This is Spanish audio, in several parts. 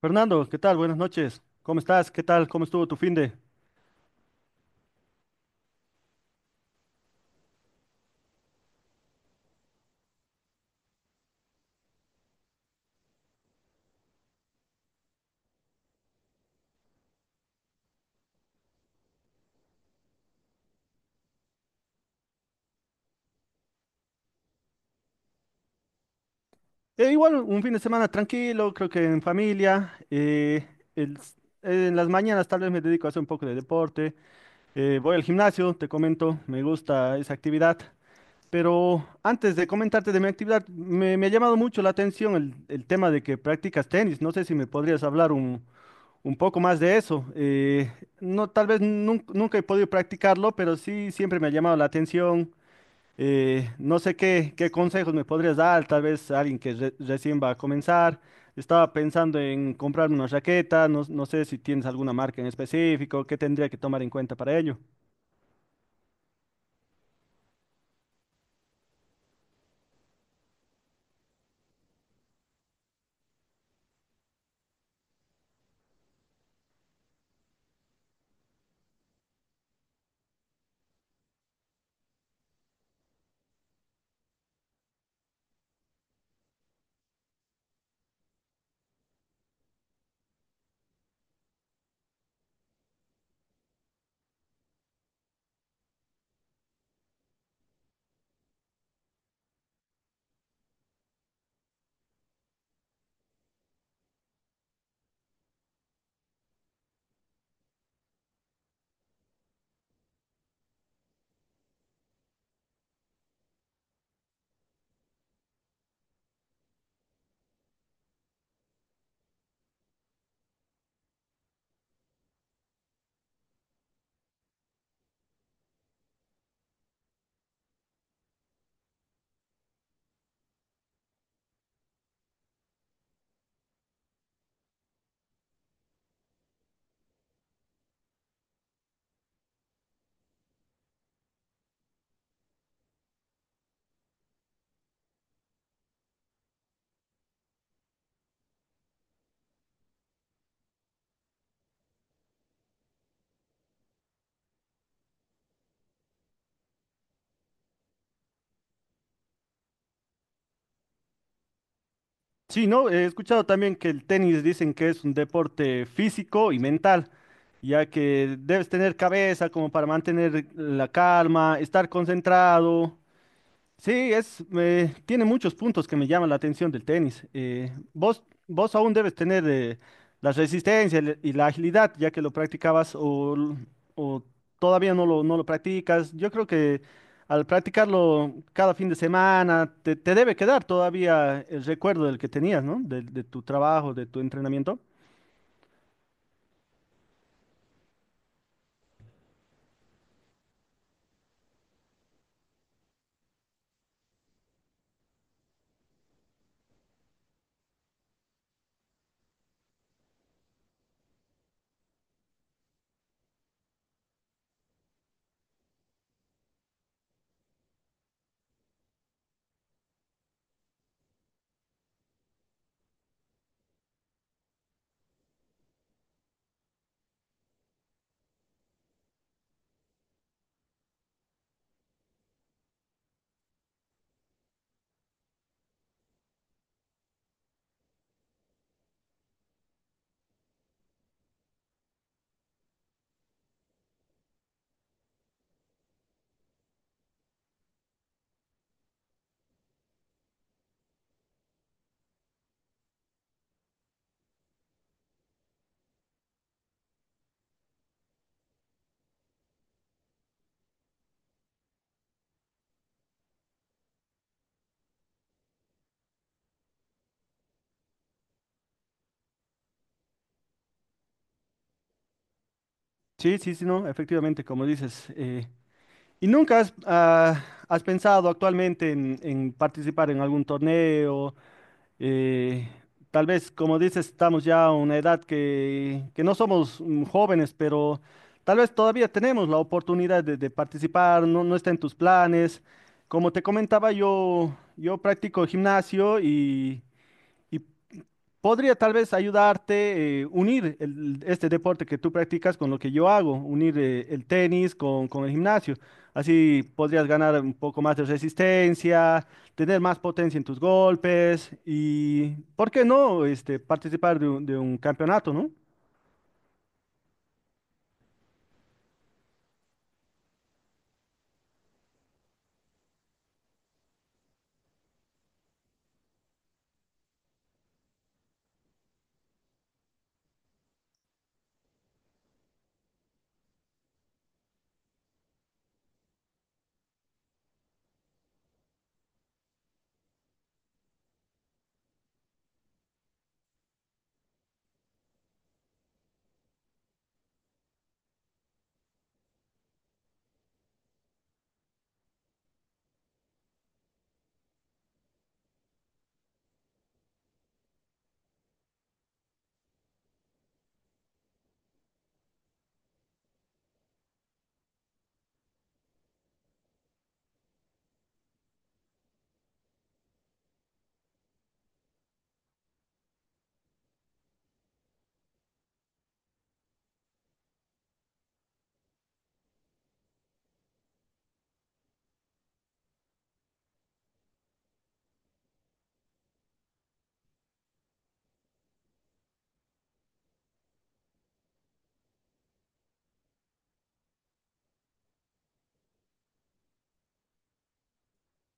Fernando, ¿qué tal? Buenas noches. ¿Cómo estás? ¿Qué tal? ¿Cómo estuvo tu fin de? Igual, un fin de semana tranquilo, creo que en familia. En las mañanas tal vez me dedico a hacer un poco de deporte. Voy al gimnasio, te comento, me gusta esa actividad. Pero antes de comentarte de mi actividad, me ha llamado mucho la atención el tema de que practicas tenis. No sé si me podrías hablar un poco más de eso. No, tal vez nunca he podido practicarlo, pero sí siempre me ha llamado la atención. No sé qué consejos me podrías dar, tal vez alguien que recién va a comenzar. Estaba pensando en comprarme una raqueta, no sé si tienes alguna marca en específico, qué tendría que tomar en cuenta para ello. Sí, no, he escuchado también que el tenis dicen que es un deporte físico y mental, ya que debes tener cabeza como para mantener la calma, estar concentrado. Tiene muchos puntos que me llaman la atención del tenis. Vos aún debes tener la resistencia y la agilidad, ya que lo practicabas o todavía no lo practicas. Yo creo que al practicarlo cada fin de semana, te debe quedar todavía el recuerdo del que tenías, ¿no? De tu trabajo, de tu entrenamiento. Sí, sí, sí, no, efectivamente, como dices. ¿Y nunca has, ah, has pensado actualmente en participar en algún torneo? Eh, Tal vez, como dices, estamos ya a una edad que no somos mm, jóvenes, pero tal vez todavía tenemos la oportunidad de participar, no, no está en tus planes. Como te comentaba, yo practico gimnasio y podría tal vez ayudarte unir este deporte que tú practicas con lo que yo hago, unir el tenis con el gimnasio. Así podrías ganar un poco más de resistencia, tener más potencia en tus golpes y, ¿por qué no, este, participar de un campeonato, ¿no?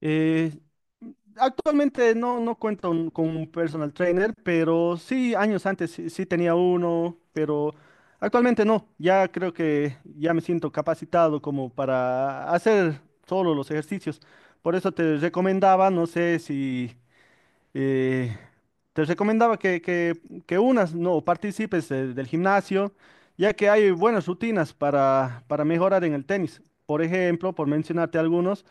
Eh, Actualmente no, con un personal trainer, pero sí, años antes sí, sí tenía uno, pero actualmente no. Ya creo que ya me siento capacitado como para hacer solo los ejercicios. Por eso te recomendaba, no sé si eh, te recomendaba que unas, no, participes del gimnasio, ya que hay buenas rutinas para mejorar en el tenis. Por ejemplo, por mencionarte algunos.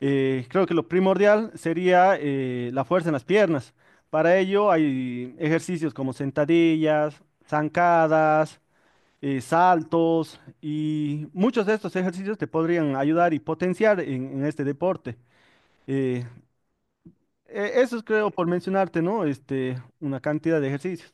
Creo que lo primordial sería la fuerza en las piernas. Para ello hay ejercicios como sentadillas, zancadas, saltos y muchos de estos ejercicios te podrían ayudar y potenciar en este deporte. Eh, Eso es, creo, por mencionarte, ¿no? Este, una cantidad de ejercicios.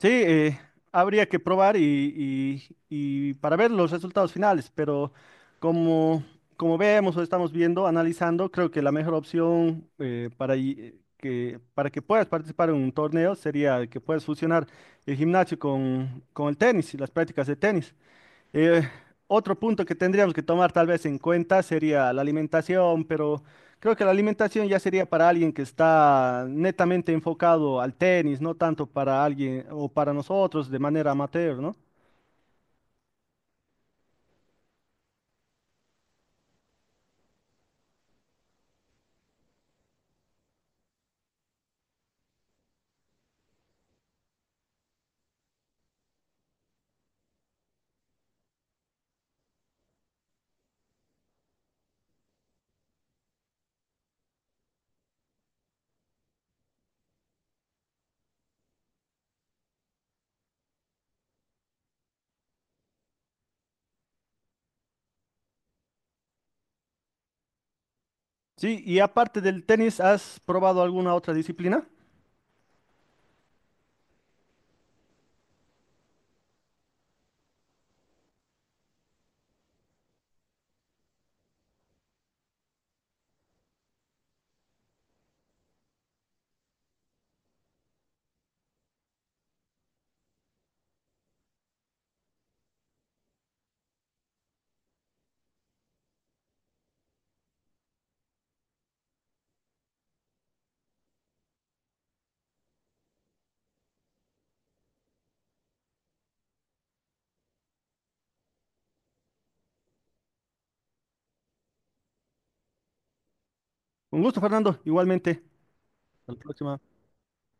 Sí, habría que probar y para ver los resultados finales, pero como, como vemos o estamos viendo, analizando, creo que la mejor opción para que puedas participar en un torneo sería que puedas fusionar el gimnasio con el tenis y las prácticas de tenis. Eh, Otro punto que tendríamos que tomar tal vez en cuenta sería la alimentación, pero creo que la alimentación ya sería para alguien que está netamente enfocado al tenis, no tanto para alguien o para nosotros de manera amateur, ¿no? Sí, y aparte del tenis, ¿has probado alguna otra disciplina? Un gusto, Fernando, igualmente. Hasta la próxima.